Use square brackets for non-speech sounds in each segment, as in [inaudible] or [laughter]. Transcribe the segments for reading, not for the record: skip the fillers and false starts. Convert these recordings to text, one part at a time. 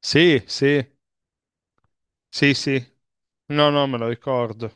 Sì, sì, sì, sì. No, no, me lo ricordo.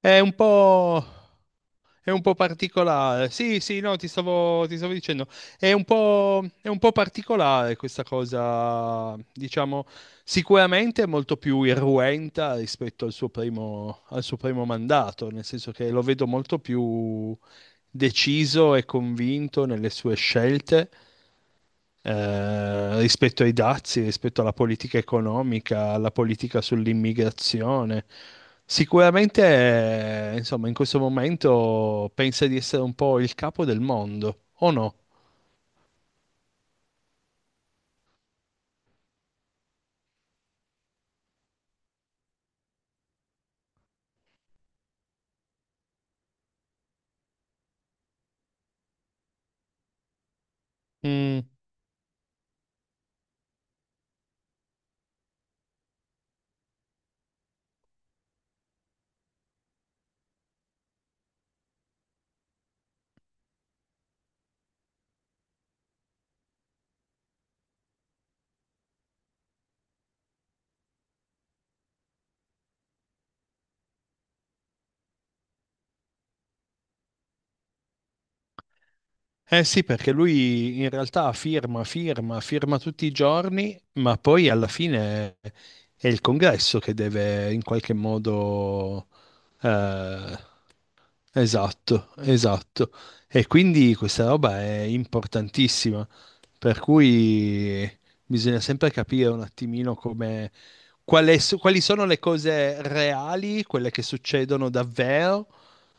È un po' particolare. Sì, sì, no, ti stavo dicendo. È un po' particolare questa cosa, diciamo, sicuramente è molto più irruenta rispetto al suo primo mandato, nel senso che lo vedo molto più deciso e convinto nelle sue scelte. Rispetto ai dazi, rispetto alla politica economica, alla politica sull'immigrazione. Sicuramente, insomma, in questo momento pensa di essere un po' il capo del mondo, o no? Mm. Eh sì, perché lui in realtà firma tutti i giorni, ma poi alla fine è il congresso che deve in qualche modo eh, esatto, esatto. E quindi questa roba è importantissima, per cui bisogna sempre capire un attimino come, quali sono le cose reali, quelle che succedono davvero,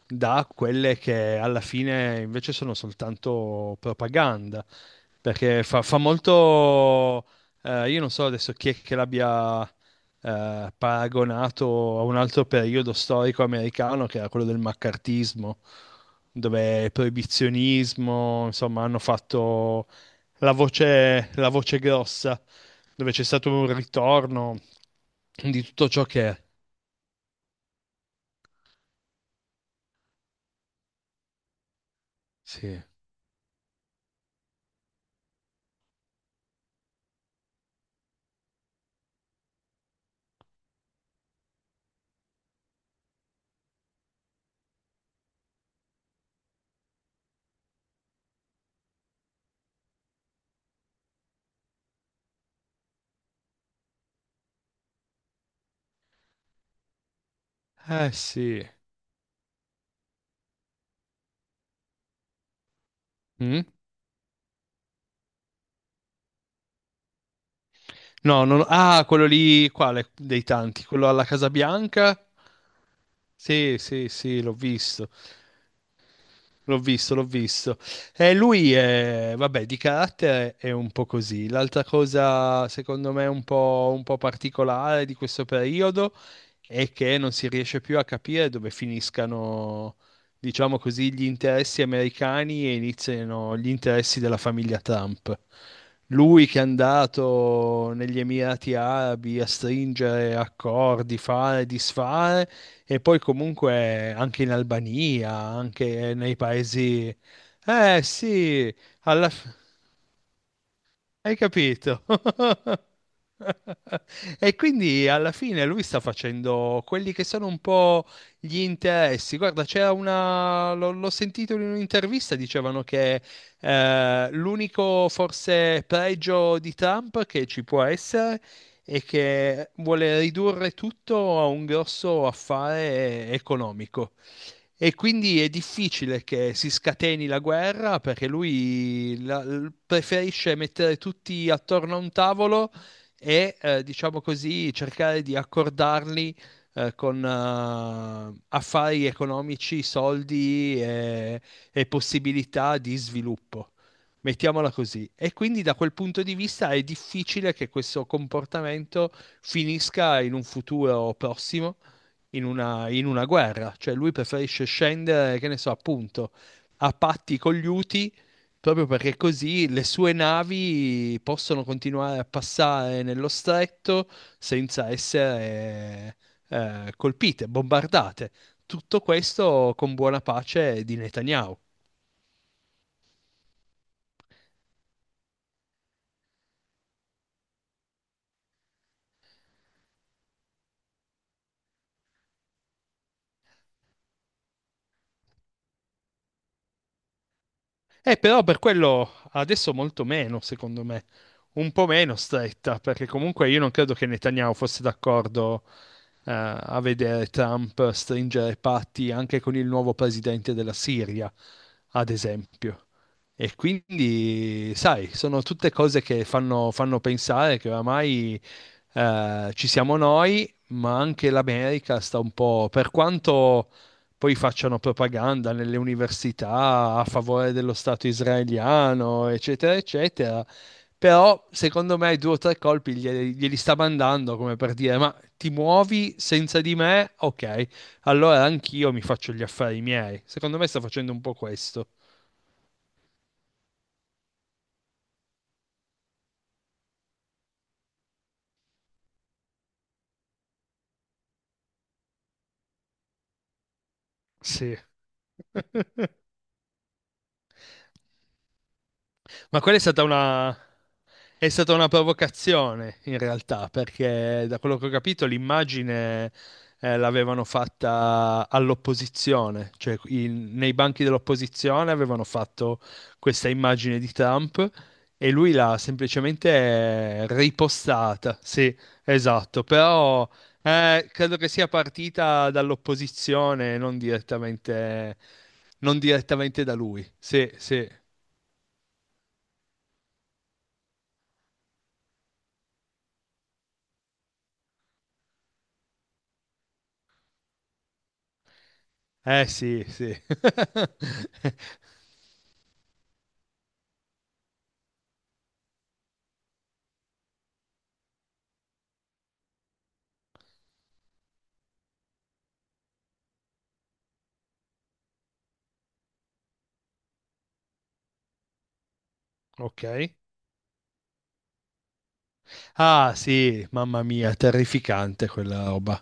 da quelle che alla fine invece sono soltanto propaganda. Perché fa molto... io non so adesso chi è che l'abbia paragonato a un altro periodo storico americano che era quello del maccartismo, dove proibizionismo, insomma, hanno fatto la voce grossa, dove c'è stato un ritorno di tutto ciò che è. Sì. Eh sì. Mm? No, non... ah, quello lì, quale dei tanti? Quello alla Casa Bianca? Sì, sì, sì, l'ho visto. L'ho visto. E lui è, vabbè, di carattere è un po' così. L'altra cosa, secondo me, un po' particolare di questo periodo è che non si riesce più a capire dove finiscano, diciamo così, gli interessi americani e iniziano gli interessi della famiglia Trump. Lui che è andato negli Emirati Arabi a stringere accordi, fare, disfare, e poi comunque anche in Albania, anche nei paesi... Eh sì, alla fine... Hai capito? [laughs] E quindi alla fine lui sta facendo quelli che sono un po' gli interessi. Guarda, c'era una. L'ho sentito in un'intervista, dicevano che l'unico forse pregio di Trump che ci può essere è che vuole ridurre tutto a un grosso affare economico. E quindi è difficile che si scateni la guerra perché lui preferisce mettere tutti attorno a un tavolo e, diciamo così, cercare di accordarli, con, affari economici, soldi e possibilità di sviluppo. Mettiamola così. E quindi da quel punto di vista è difficile che questo comportamento finisca in un futuro prossimo in in una guerra. Cioè lui preferisce scendere, che ne so, appunto, a patti con gli Uti, proprio perché così le sue navi possono continuare a passare nello stretto senza essere colpite, bombardate. Tutto questo con buona pace di Netanyahu. Però per quello adesso molto meno, secondo me, un po' meno stretta, perché comunque io non credo che Netanyahu fosse d'accordo a vedere Trump stringere patti anche con il nuovo presidente della Siria, ad esempio. E quindi, sai, sono tutte cose che fanno, fanno pensare che oramai ci siamo noi, ma anche l'America sta un po', per quanto poi facciano propaganda nelle università a favore dello Stato israeliano, eccetera, eccetera. Però, secondo me, due o tre colpi glieli sta mandando come per dire: ma ti muovi senza di me, ok, allora anch'io mi faccio gli affari miei. Secondo me sta facendo un po' questo. Sì. [laughs] Ma quella è stata una... È stata una provocazione in realtà, perché da quello che ho capito l'immagine l'avevano fatta all'opposizione, cioè nei banchi dell'opposizione avevano fatto questa immagine di Trump e lui l'ha semplicemente ripostata. Sì, esatto, però credo che sia partita dall'opposizione, non direttamente, non direttamente da lui. Sì, sì. Eh sì, sì. Ok. Ah, sì, mamma mia, terrificante quella roba.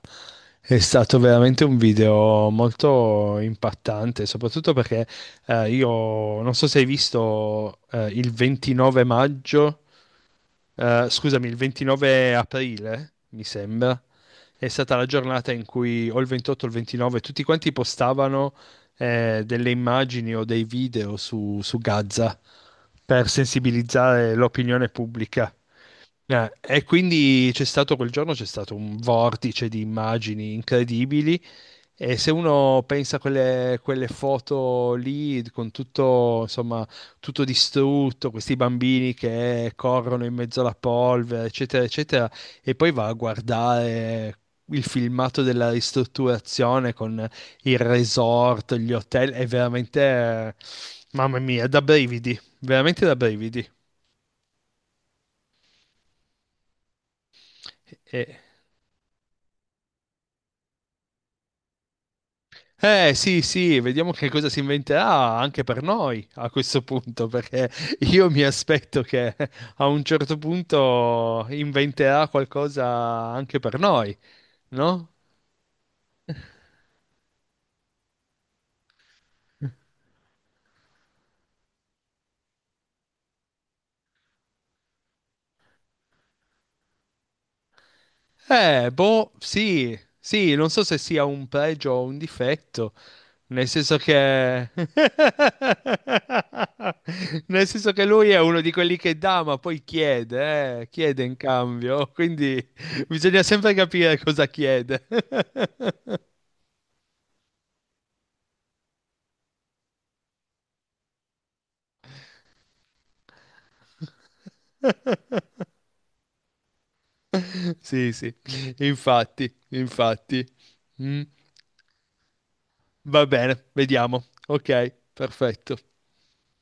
È stato veramente un video molto impattante, soprattutto perché io non so se hai visto il 29 maggio. Scusami, il 29 aprile, mi sembra, è stata la giornata in cui o il 28 o il 29 tutti quanti postavano delle immagini o dei video su Gaza per sensibilizzare l'opinione pubblica. E quindi c'è stato quel giorno, c'è stato un vortice di immagini incredibili. E se uno pensa a quelle foto lì con tutto, insomma, tutto distrutto, questi bambini che corrono in mezzo alla polvere, eccetera, eccetera, e poi va a guardare il filmato della ristrutturazione con il resort, gli hotel, è veramente, mamma mia, da brividi, veramente da brividi. E- eh sì, sì, vediamo che cosa si inventerà anche per noi a questo punto, perché io mi aspetto che a un certo punto inventerà qualcosa anche per noi, no? Boh, sì, sì, non so se sia un pregio o un difetto, nel senso che... [laughs] nel senso che lui è uno di quelli che dà, ma poi chiede, chiede in cambio, quindi [laughs] bisogna sempre capire cosa chiede. [laughs] Sì, sì, infatti, infatti. Mm, va bene, vediamo. Ok, perfetto.